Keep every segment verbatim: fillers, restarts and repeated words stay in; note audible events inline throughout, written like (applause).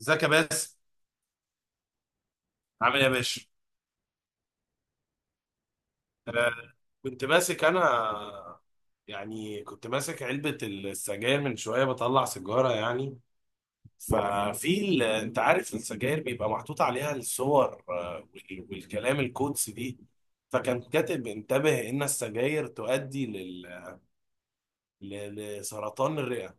ازيك يا باسم. عامل ايه يا باشا؟ آه كنت ماسك انا. يعني كنت ماسك علبة السجاير من شوية بطلع سيجارة يعني. ففي ال- انت عارف السجاير بيبقى محطوط عليها الصور آه، وال- والكلام القدسي دي. فكان كاتب انتبه ان السجاير تؤدي لل... ل- لسرطان الرئة.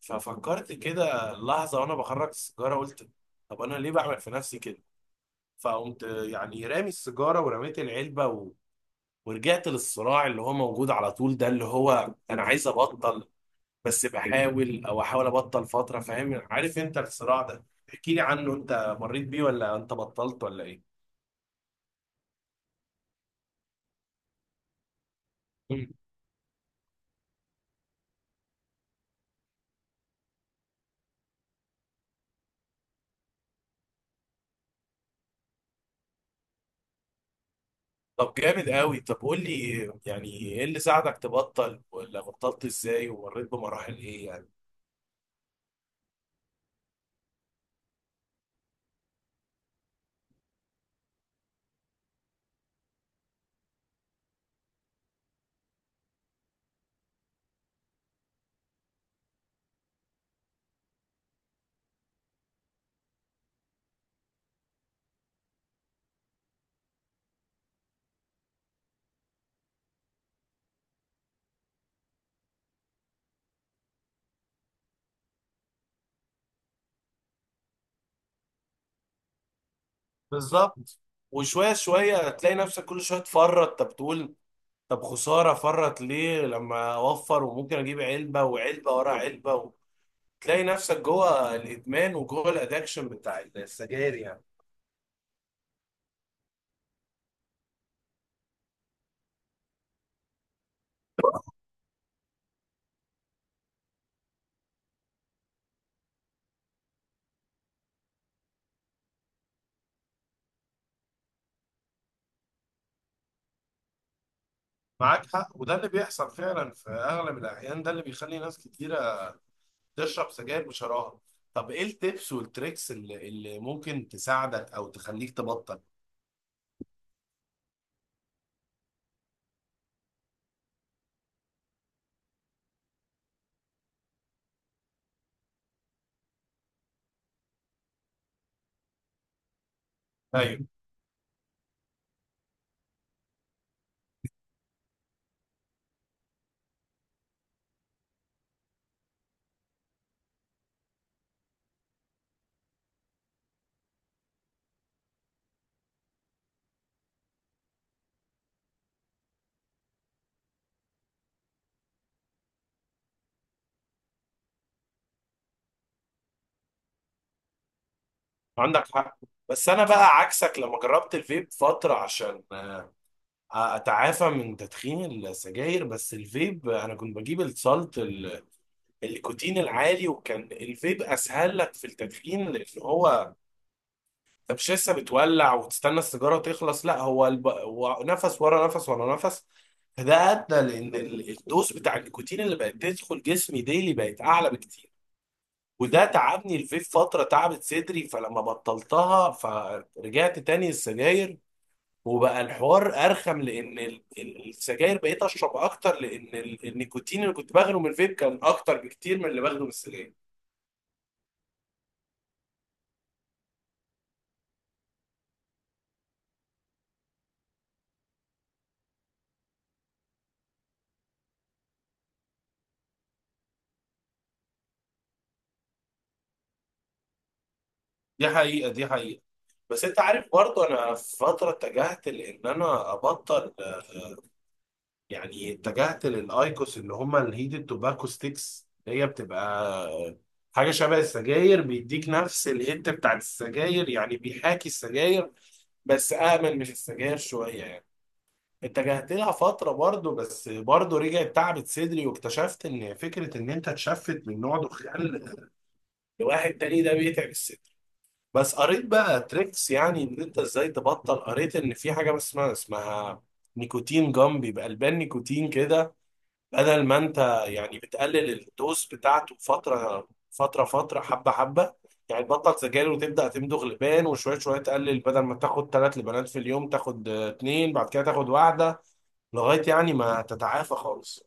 ففكرت كده لحظة وانا بخرج السيجارة قلت طب انا ليه بعمل في نفسي كده؟ فقمت يعني رامي السيجارة ورميت العلبة، ورجعت للصراع اللي هو موجود على طول ده، اللي هو انا عايز ابطل بس بحاول او احاول ابطل فترة. فاهم عارف انت الصراع ده؟ احكي لي عنه، انت مريت بيه ولا انت بطلت ولا ايه؟ مم. طب جامد قوي. طب قول لي، يعني ايه اللي ساعدك تبطل ولا بطلت ازاي ومريت بمراحل ايه يعني؟ بالظبط. وشوية شوية تلاقي نفسك كل شوية تفرط. طب تقول طب خسارة، فرط ليه لما اوفر وممكن اجيب علبة وعلبة ورا علبة. تلاقي نفسك جوه الادمان وجوه الادكشن بتاع السجاير يعني. معاك حق، وده اللي بيحصل فعلا في اغلب الاحيان، ده اللي بيخلي ناس كتيره تشرب سجاير بشراهه. طب ايه التبس والتريكس اللي, اللي ممكن تساعدك او تخليك تبطل؟ ايوه عندك حق. بس انا بقى عكسك لما جربت الفيب فتره عشان آه، اتعافى من تدخين السجاير. بس الفيب انا كنت بجيب السالت ال- النيكوتين العالي، وكان الفيب اسهل لك في التدخين لان هو انت مش لسه بتولع وتستنى السيجاره تخلص، لا هو الب... هو نفس ورا نفس ورا نفس. فده ادى لان ال- الدوز بتاع النيكوتين اللي بقت تدخل جسمي ديلي بقت اعلى بكتير. وده تعبني الفيب فتره، تعبت صدري، فلما بطلتها فرجعت تاني السجاير. وبقى الحوار ارخم لان ال- ال- السجاير بقيت اشرب اكتر، لان ال- النيكوتين اللي كنت باخده من الفيب كان اكتر بكتير من اللي باخده من السجاير. دي حقيقه دي حقيقه بس انت عارف برضه انا في فتره اتجهت لان انا ابطل، آه، يعني اتجهت للايكوس اللي هم الهيدد توباكو ستيكس، اللي هي بتبقى آه، حاجه شبه السجاير، بيديك نفس الهيت بتاعت السجاير يعني، بيحاكي السجاير بس امن مش السجاير شويه يعني. اتجهت لها فتره برضه، بس برضه رجعت، تعبت صدري، واكتشفت ان فكره ان انت تشفت من نوع دخان لواحد تاني ده بيتعب الصدر. بس قريت بقى تريكس يعني ان انت ازاي تبطل. قريت ان في حاجه بس اسمها اسمها نيكوتين جام، بيبقى البان نيكوتين كده، بدل ما انت يعني بتقلل الدوز بتاعته فتره فتره فتره، حبه حبه. يعني تبطل سجاير وتبدا تمضغ لبان، وشويه شويه تقلل، بدل ما تاخد ثلاث لبانات في اليوم تاخد آه، اتنين، بعد كده تاخد واحده، لغايه يعني ما تتعافى خالص.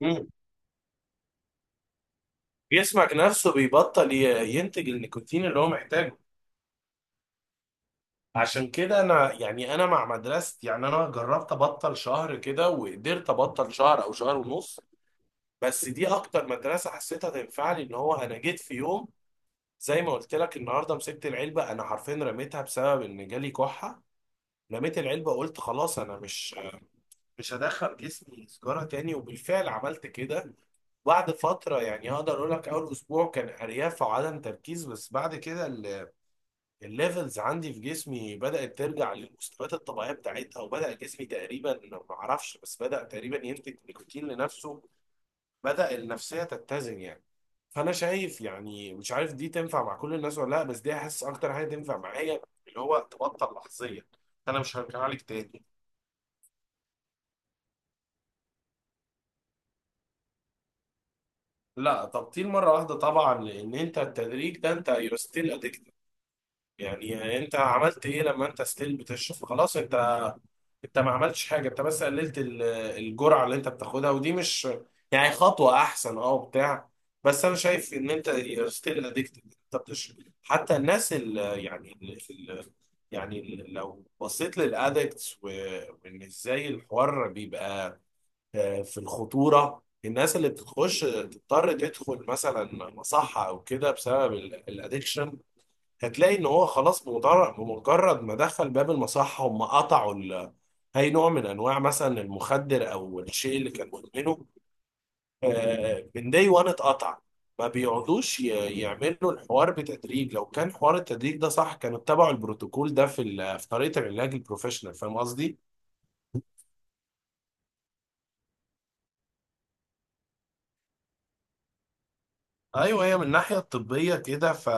مم. جسمك نفسه بيبطل ي- ينتج النيكوتين اللي هو محتاجه. عشان كده انا يعني انا مع مدرستي، يعني انا جربت ابطل شهر كده وقدرت ابطل شهر او شهر ونص. بس دي اكتر مدرسة حسيتها تنفع لي، ان هو انا جيت في يوم زي ما قلت لك النهارده، مسكت العلبة انا حرفيا رميتها بسبب ان جالي كحة. رميت العلبة قلت خلاص انا مش مش هدخل جسمي سجارة تاني، وبالفعل عملت كده. بعد فترة يعني اقدر اقول لك اول اسبوع كان ارياف وعدم تركيز، بس بعد كده الليفلز عندي في جسمي بدأت ترجع للمستويات الطبيعية بتاعتها، وبدأ جسمي تقريبا ما اعرفش بس بدأ تقريبا ينتج نيكوتين لنفسه، بدأ النفسية تتزن يعني. فأنا شايف يعني مش عارف دي تنفع مع كل الناس ولا لا، بس دي حاسس أكتر حاجة تنفع معايا، اللي هو تبطل لحظيا. أنا مش هرجع لك تاني. لا، تبطيل مرة واحدة طبعا، لأن أنت التدريج ده أنت يو ستيل أدكتد. يعني أنت عملت إيه لما أنت ستيل بتشرب؟ خلاص أنت، انت ما عملتش حاجه، انت بس قللت ال- الجرعه اللي انت بتاخدها، ودي مش يعني خطوه احسن اه وبتاع، بس انا شايف ان انت ستيل اديكتد، انت بتشرب. حتى الناس اللي يعني اللي يعني ال- لو بصيت للادكتس وان ازاي الحوار بيبقى، آه، في الخطوره، الناس اللي بتخش تضطر تدخل مثلا مصحه او كده بسبب الادكشن، هتلاقي ان هو خلاص بمجرد بمجرد ما دخل باب المصحة هم قطعوا ال... اي نوع من انواع مثلا المخدر او الشيء اللي كان مدمنه، آه، من داي وان اتقطع. ما بيقعدوش ي- يعملوا الحوار بتدريج. لو كان حوار التدريج ده صح كانوا اتبعوا البروتوكول ده في ال... في طريقة العلاج البروفيشنال. فاهم قصدي؟ ايوه، هي من الناحية الطبية كده ف،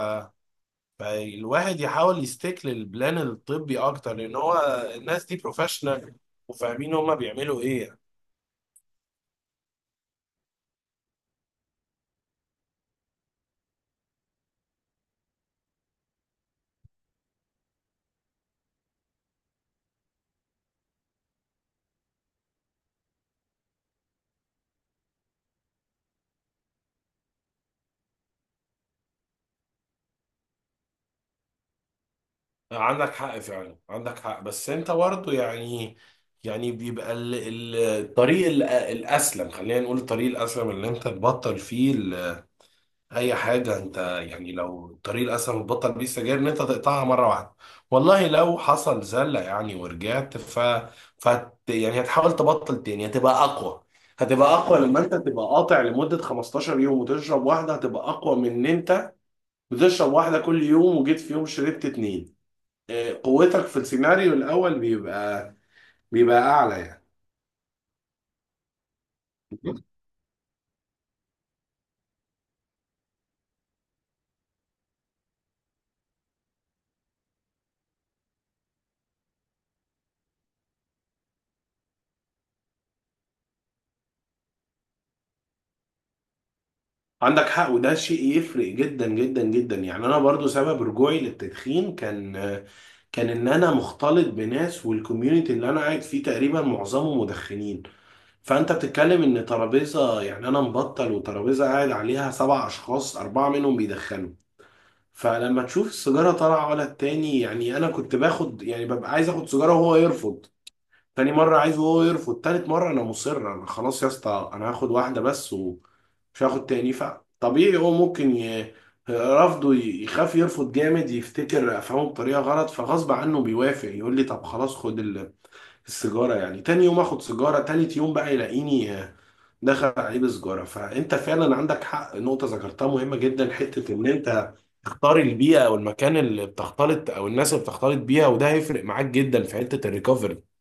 فالواحد يحاول يستيك للبلان الطبي اكتر، لان هو الناس دي بروفيشنال وفاهمين هما بيعملوا ايه. عندك حق فعلا، عندك حق. بس انت برضه يعني، يعني بيبقى ال- ال- الطريق ال- الاسلم، خلينا نقول الطريق الاسلم اللي انت تبطل فيه ال- اي حاجه. انت يعني لو الطريق الاسلم اللي تبطل بيه السجاير ان انت تقطعها مره واحده، والله لو حصل زله يعني ورجعت ف, ف، يعني هتحاول تبطل تاني هتبقى اقوى. هتبقى اقوى لما انت تبقى قاطع لمده خمستاشر يوم وتشرب واحده، هتبقى اقوى من ان انت بتشرب واحده كل يوم وجيت في يوم شربت اتنين. قوتك في السيناريو الاول بيبقى بيبقى اعلى يعني. عندك حق، وده شيء يفرق جدا جدا جدا يعني. انا برضو سبب رجوعي للتدخين كان كان ان انا مختلط بناس، والكوميونتي اللي انا قاعد فيه تقريبا معظمه مدخنين. فانت بتتكلم ان ترابيزه، يعني انا مبطل وترابيزه قاعد عليها سبع اشخاص اربعه منهم بيدخنوا. فلما تشوف السيجاره طالعه ولا التاني، يعني انا كنت باخد يعني ببقى عايز اخد سيجاره وهو يرفض، تاني مرة عايزه هو يرفض، تالت مرة أنا مصر أنا خلاص يا اسطى أنا هاخد واحدة بس ومش هاخد تاني. فطبيعي هو ممكن ي... رفضه ي- يخاف يرفض جامد، يفتكر أفهمه بطريقة غلط، فغصب عنه بيوافق يقول لي طب خلاص خد ال- السيجارة. يعني تاني يوم آخد سيجارة، تالت يوم بقى يلاقيني آه، دخل عليه بسجارة. فأنت فعلا عندك حق، نقطة ذكرتها مهمة جدا، حتة إن أنت تختار البيئة أو المكان اللي بتختلط أو الناس اللي بتختلط بيها، وده هيفرق معاك جدا في حتة الريكفري.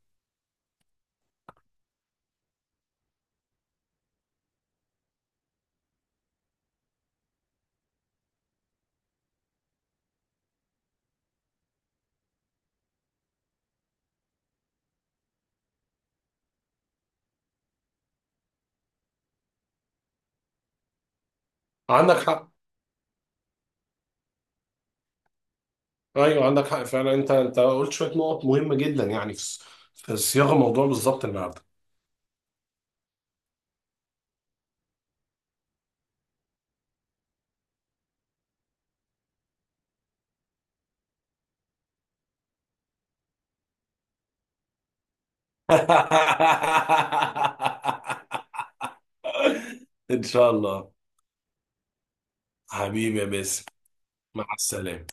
عندك حق. ايوه عندك حق فعلا، انت انت قلت شويه نقط مهمه جدا يعني في في صياغه الموضوع بالظبط النهارده. (laughs) ان شاء الله. حبيبي يا باسم. مع السلامه.